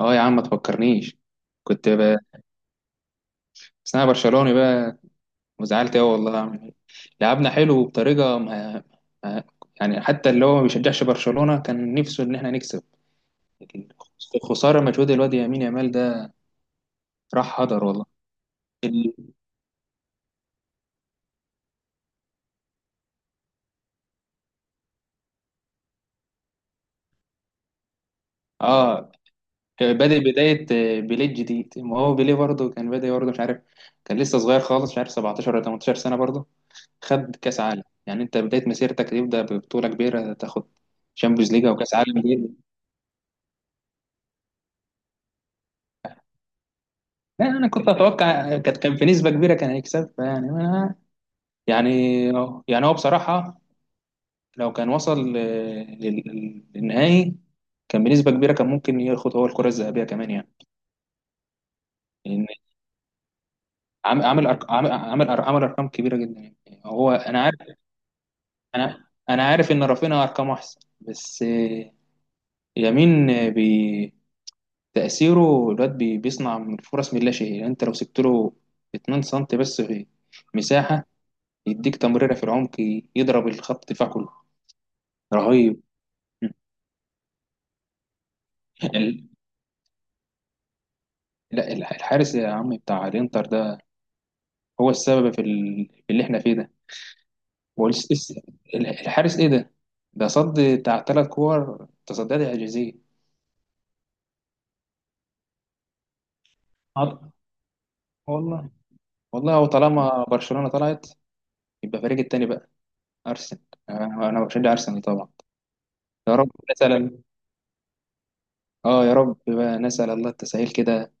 اه يا عم ما تفكرنيش. كنت بقى بس انا برشلوني بقى، وزعلت قوي والله اعمل ايه. لعبنا حلو بطريقه ما... ما... يعني حتى اللي هو ما بيشجعش برشلونه كان نفسه ان احنا نكسب. الخساره مجهود الواد يمين يامال ده راح هدر والله. ال... اه بادئ بدايه، بيليه الجديد، ما هو بيليه برضه كان بادئ برضه، مش عارف. كان لسه صغير خالص، مش عارف 17 ولا 18 سنه برضه. خد كاس عالم، يعني انت بدايه مسيرتك تبدا ببطوله كبيره، تاخد شامبيونز ليج او كاس عالم دي. لا، انا كنت اتوقع كان في نسبه كبيره كان هيكسب، يعني أنا. يعني يعني هو بصراحه، لو كان وصل للنهائي، كان بنسبه كبيره كان ممكن ياخد هو الكره الذهبيه كمان يعني. لان عم- عامل أرق- عم- عامل أر- عامل ارقام كبيره جدا يعني. هو انا عارف، انا انا عارف ان رافينيا ارقامه احسن، بس يمين، تاثيره الواد، بيصنع من فرص من لا شيء. يعني انت لو سبت له 2 سم بس في مساحه، يديك تمريرة في العمق، يضرب الخط دفاع كله. رهيب. ال- لا، الحارس يا عم بتاع الانتر ده هو السبب في اللي احنا فيه ده. هو الحارس ايه ده؟ ده صد بتاع ثلاث كور، تصديات اعجازيه. عط- والله والله، هو طالما برشلونة طلعت، يبقى فريق التاني بقى ارسنال. انا بشجع ارسنال طبعا. يا رب نسأل اه يا رب بقى نسأل الله التسهيل كده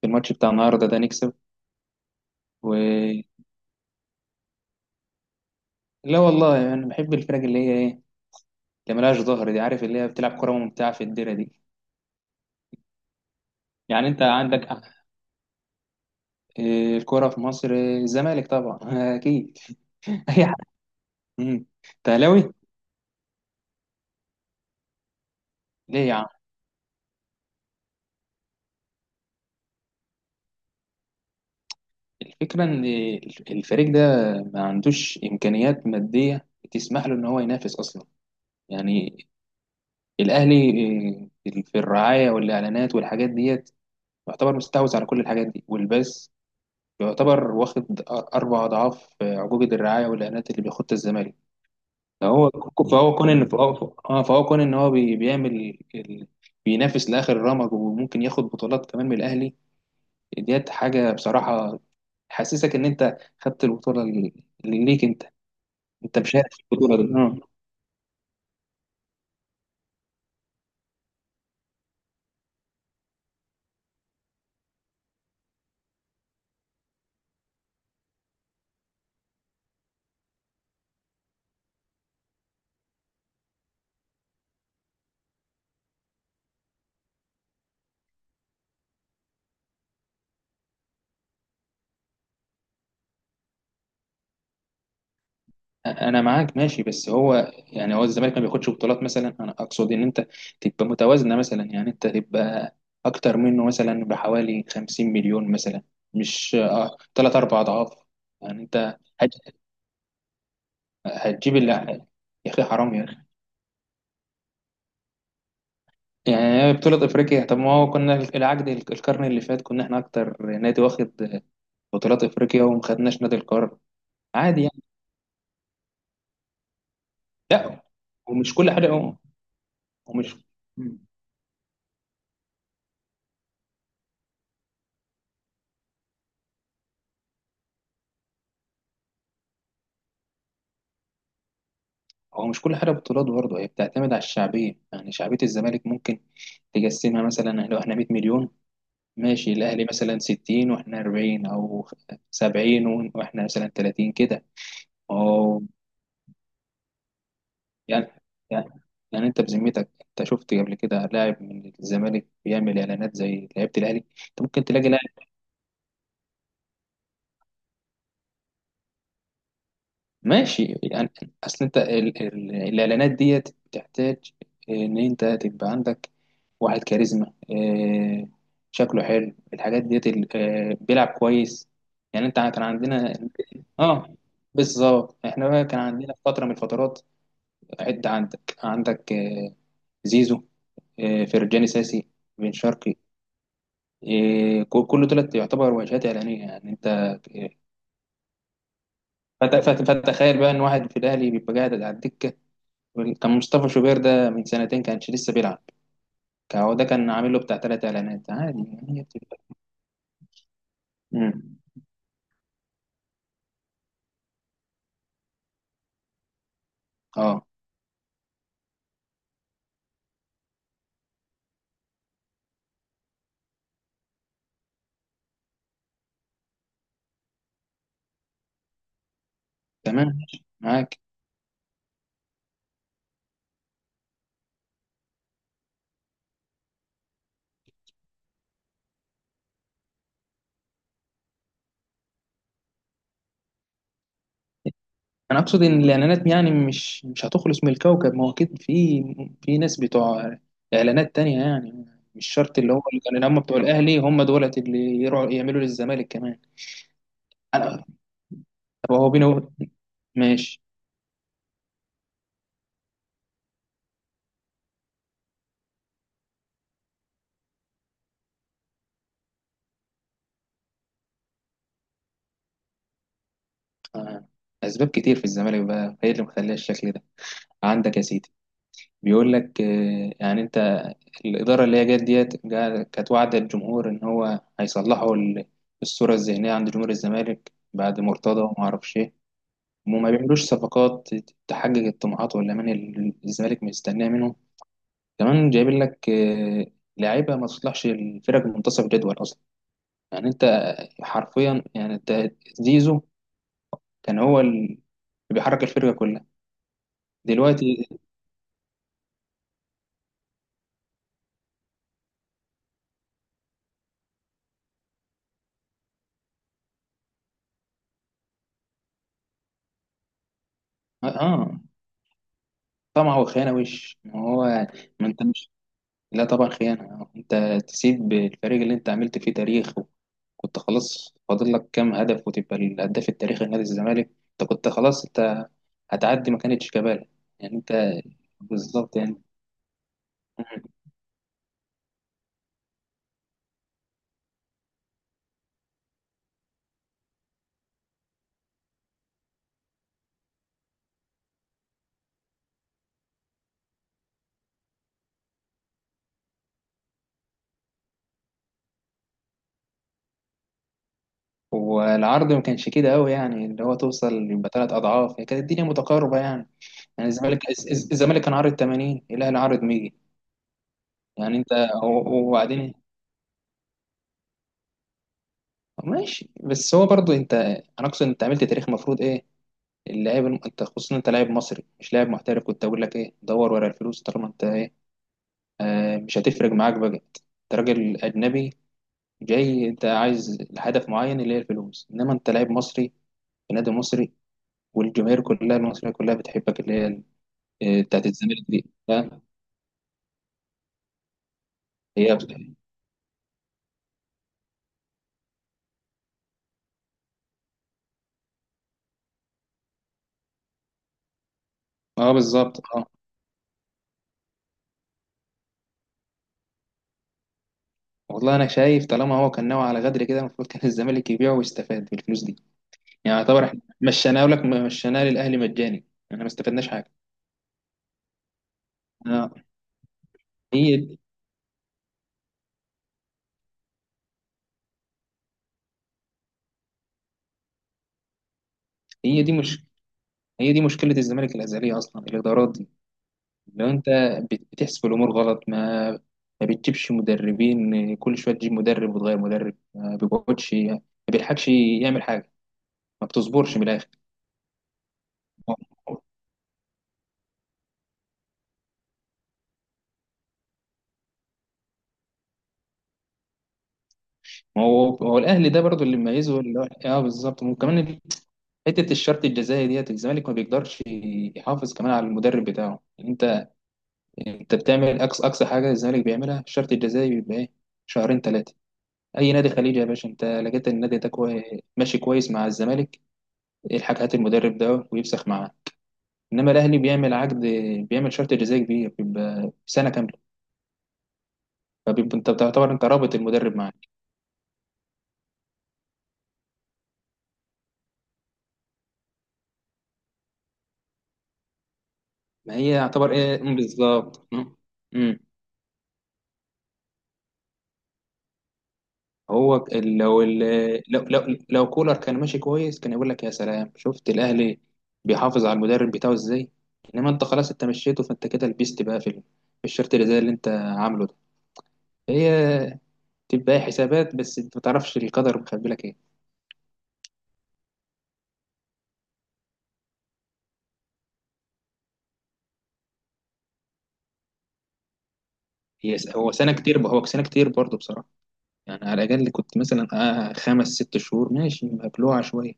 في الماتش بتاع النهارده ده، نكسب. و لا والله، انا يعني بحب الفرق اللي هي ايه، اللي ملهاش ظهر دي، عارف، اللي هي بتلعب كرة ممتعة في الديرة دي. يعني انت عندك الكرة في مصر، الزمالك طبعا اكيد. اي حد. مم. أنت اهلاوي؟ ليه يا عم؟ الفكرة ان الفريق ده ما عندوش امكانيات مادية تسمح له ان هو ينافس اصلا. يعني الاهلي، في الرعاية والاعلانات والحاجات ديت، يعتبر مستحوذ على كل الحاجات دي، والبث يعتبر واخد أربع أضعاف عقوبة الرعاية والإعلانات اللي بياخدها الزمالك. فهو فهو كون ان فهو كون ان هو بيعمل بينافس لاخر رمج، وممكن ياخد بطولات كمان من الاهلي. ديت حاجه بصراحه تحسسك ان انت خدت البطوله اللي ليك انت، انت مشارك في البطوله دي، اه. انا معاك ماشي، بس هو الزمالك ما بياخدش بطولات مثلا. انا اقصد ان انت تبقى متوازنه مثلا، يعني انت تبقى اكتر منه مثلا بحوالي 50 مليون مثلا، مش 3 4 اضعاف. يعني انت هتجيب اللي. يا اخي حرام يا اخي، يعني بطولة افريقيا؟ طب ما هو كنا العقد القرن اللي فات، كنا احنا اكتر نادي واخد بطولات افريقيا وما خدناش نادي القرن. عادي يعني. لا، ومش كل حاجة هو. ومش هو مش كل حاجة بطولات، برضه هي بتعتمد على الشعبية. يعني شعبية الزمالك ممكن تقسمها مثلا، لو احنا 100 مليون ماشي، الأهلي مثلا 60 واحنا 40، أو 70 واحنا مثلا 30 كده. يعني يعني يعني انت بذمتك، انت شفت قبل كده لاعب من الزمالك بيعمل اعلانات زي لعيبه الاهلي؟ انت ممكن تلاقي لاعب؟ ماشي يعني. اصل انت الاعلانات ديت بتحتاج ان انت تبقى عندك واحد كاريزما، شكله حلو الحاجات ديت، بيلعب كويس. يعني انت كان عندنا. اه بالظبط، احنا بقى كان عندنا في فتره من الفترات. عندك زيزو، فرجاني ساسي، بن شرقي، كله تلات يعتبر واجهات إعلانية، يعني أنت. إيه، فتخيل بقى إن واحد في الأهلي بيبقى قاعد على الدكة. كان مصطفى شوبير ده من سنتين كانش لسه بيلعب. هو ده كان عامل له بتاع تلات إعلانات عادي، يعني هي بتبقى. مم. أه تمام ماشي، معاك. أنا أقصد إن الإعلانات يعني مش هتخلص من الكوكب. ما هو أكيد في ناس بتوع إعلانات تانية، يعني مش شرط اللي هو اللي كانوا هم بتوع الأهلي هم دولت اللي يروحوا يعملوا للزمالك كمان. أنا- طب هو بينه ماشي. آه. أسباب كتير في الزمالك بقى هي اللي مخليها الشكل ده. عندك يا سيدي بيقول لك، يعني أنت، الإدارة اللي هي جت ديت، كانت واعدة الجمهور إن هو هيصلحوا الصورة الذهنية عند جمهور الزمالك بعد مرتضى وما أعرفش إيه، وما بيعملوش صفقات تحقق الطموحات والأمان اللي الزمالك مستناه منهم. كمان جايبين لك لعيبة ما تصلحش الفرق منتصف الجدول أصلا، يعني أنت حرفيا، يعني أنت، زيزو كان هو اللي بيحرك الفرقة كلها. دلوقتي اه، طمع وخيانه وش، ما هو يعني ما انت مش. لا طبعا خيانه، انت تسيب الفريق اللي انت عملت فيه تاريخ، وكنت خلاص فاضل لك كام هدف وتبقى الهداف التاريخي لنادي الزمالك. انت كنت خلاص انت هتعدي، ما كانتش كبالة، يعني انت. بالظبط يعني. والعرض ما كانش كده قوي، يعني اللي هو توصل يبقى ثلاث اضعاف، هي كانت الدنيا متقاربه يعني الزمالك كان عارض 80، الاهلي عارض 100. يعني انت وبعدين ماشي، بس هو برضو انت، انا اقصد انت عملت تاريخ. المفروض ايه اللاعب، انت خصوصا انت لاعب مصري مش لاعب محترف، كنت اقول لك ايه دور ورا الفلوس طالما انت ايه، مش هتفرق معاك بقى. انت راجل اجنبي جاي، انت عايز هدف معين اللي هي الفلوس، انما انت لاعب مصري في نادي مصري، والجماهير كلها المصريه كلها بتحبك، اللي هي بتاعت الزمالك دي، فاهم؟ هي، اه بالظبط، اه. والله انا شايف طالما هو كان ناوي على غدر كده، المفروض كان الزمالك يبيعه ويستفاد بالفلوس دي. يعني يعتبر احنا مشيناه للاهلي مجاني يعني، احنا ما استفدناش حاجه. آه، هي هي دي مش هي دي مشكله الزمالك الازليه اصلا، الادارات دي. لو انت بتحسب الامور غلط، ما بتجيبش مدربين، كل شويه تجيب مدرب وتغير مدرب، ما بيقعدش ما بيلحقش يعمل حاجه، ما بتصبرش من الاخر. ما هو الاهلي ده برضو اللي مميزه اللي هو اه بالظبط، وكمان حته الشرط الجزائي ديت الزمالك ما بيقدرش يحافظ كمان على المدرب بتاعه. انت يعني انت بتعمل اقصى حاجه الزمالك بيعملها في الشرط الجزائي بيبقى ايه، شهرين ثلاثه. اي نادي خليجي يا باشا انت لقيت إن النادي ده ماشي كويس مع الزمالك، الحاج هات المدرب ده ويفسخ معاه. انما الاهلي بيعمل عقد، بيعمل شرط جزائي كبير بيبقى سنه كامله، فبيبقى انت بتعتبر انت رابط المدرب معاك. ما هي يعتبر ايه بالظبط. امم. هو لو كولر كان ماشي كويس، كان يقول لك يا سلام شفت الاهلي بيحافظ على المدرب بتاعه ازاي. انما انت خلاص انت مشيته، فانت كده لبست بقى في الشرط اللي زي اللي انت عامله ده. هي تبقى حسابات، بس انت ما تعرفش القدر مخبي لك ايه. هو سنه كتير، هو سنه كتير برضه بصراحه، يعني على الاقل كنت مثلا خمس ست شهور ماشي مبلوعه شويه.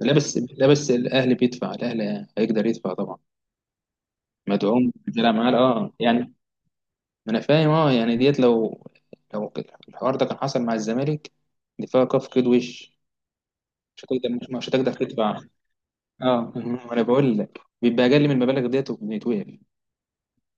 لا بس الاهلي هيقدر يدفع طبعا، مدعوم بيلعب معاه اه يعني. ما انا فاهم اه، يعني ديت لو الحوار ده كان حصل مع الزمالك، دي فيها كف كده وش. مش هتقدر. مش هتقدر تدفع. اه ما انا بقول لك بيبقى اقل من المبالغ ديت وبيتوقف.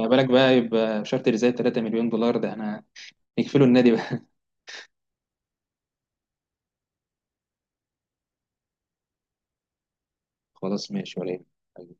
ما بالك بقى يبقى شارتر زي 3 مليون دولار، ده احنا نكفله النادي بقى. خلاص ماشي ولا يهمك.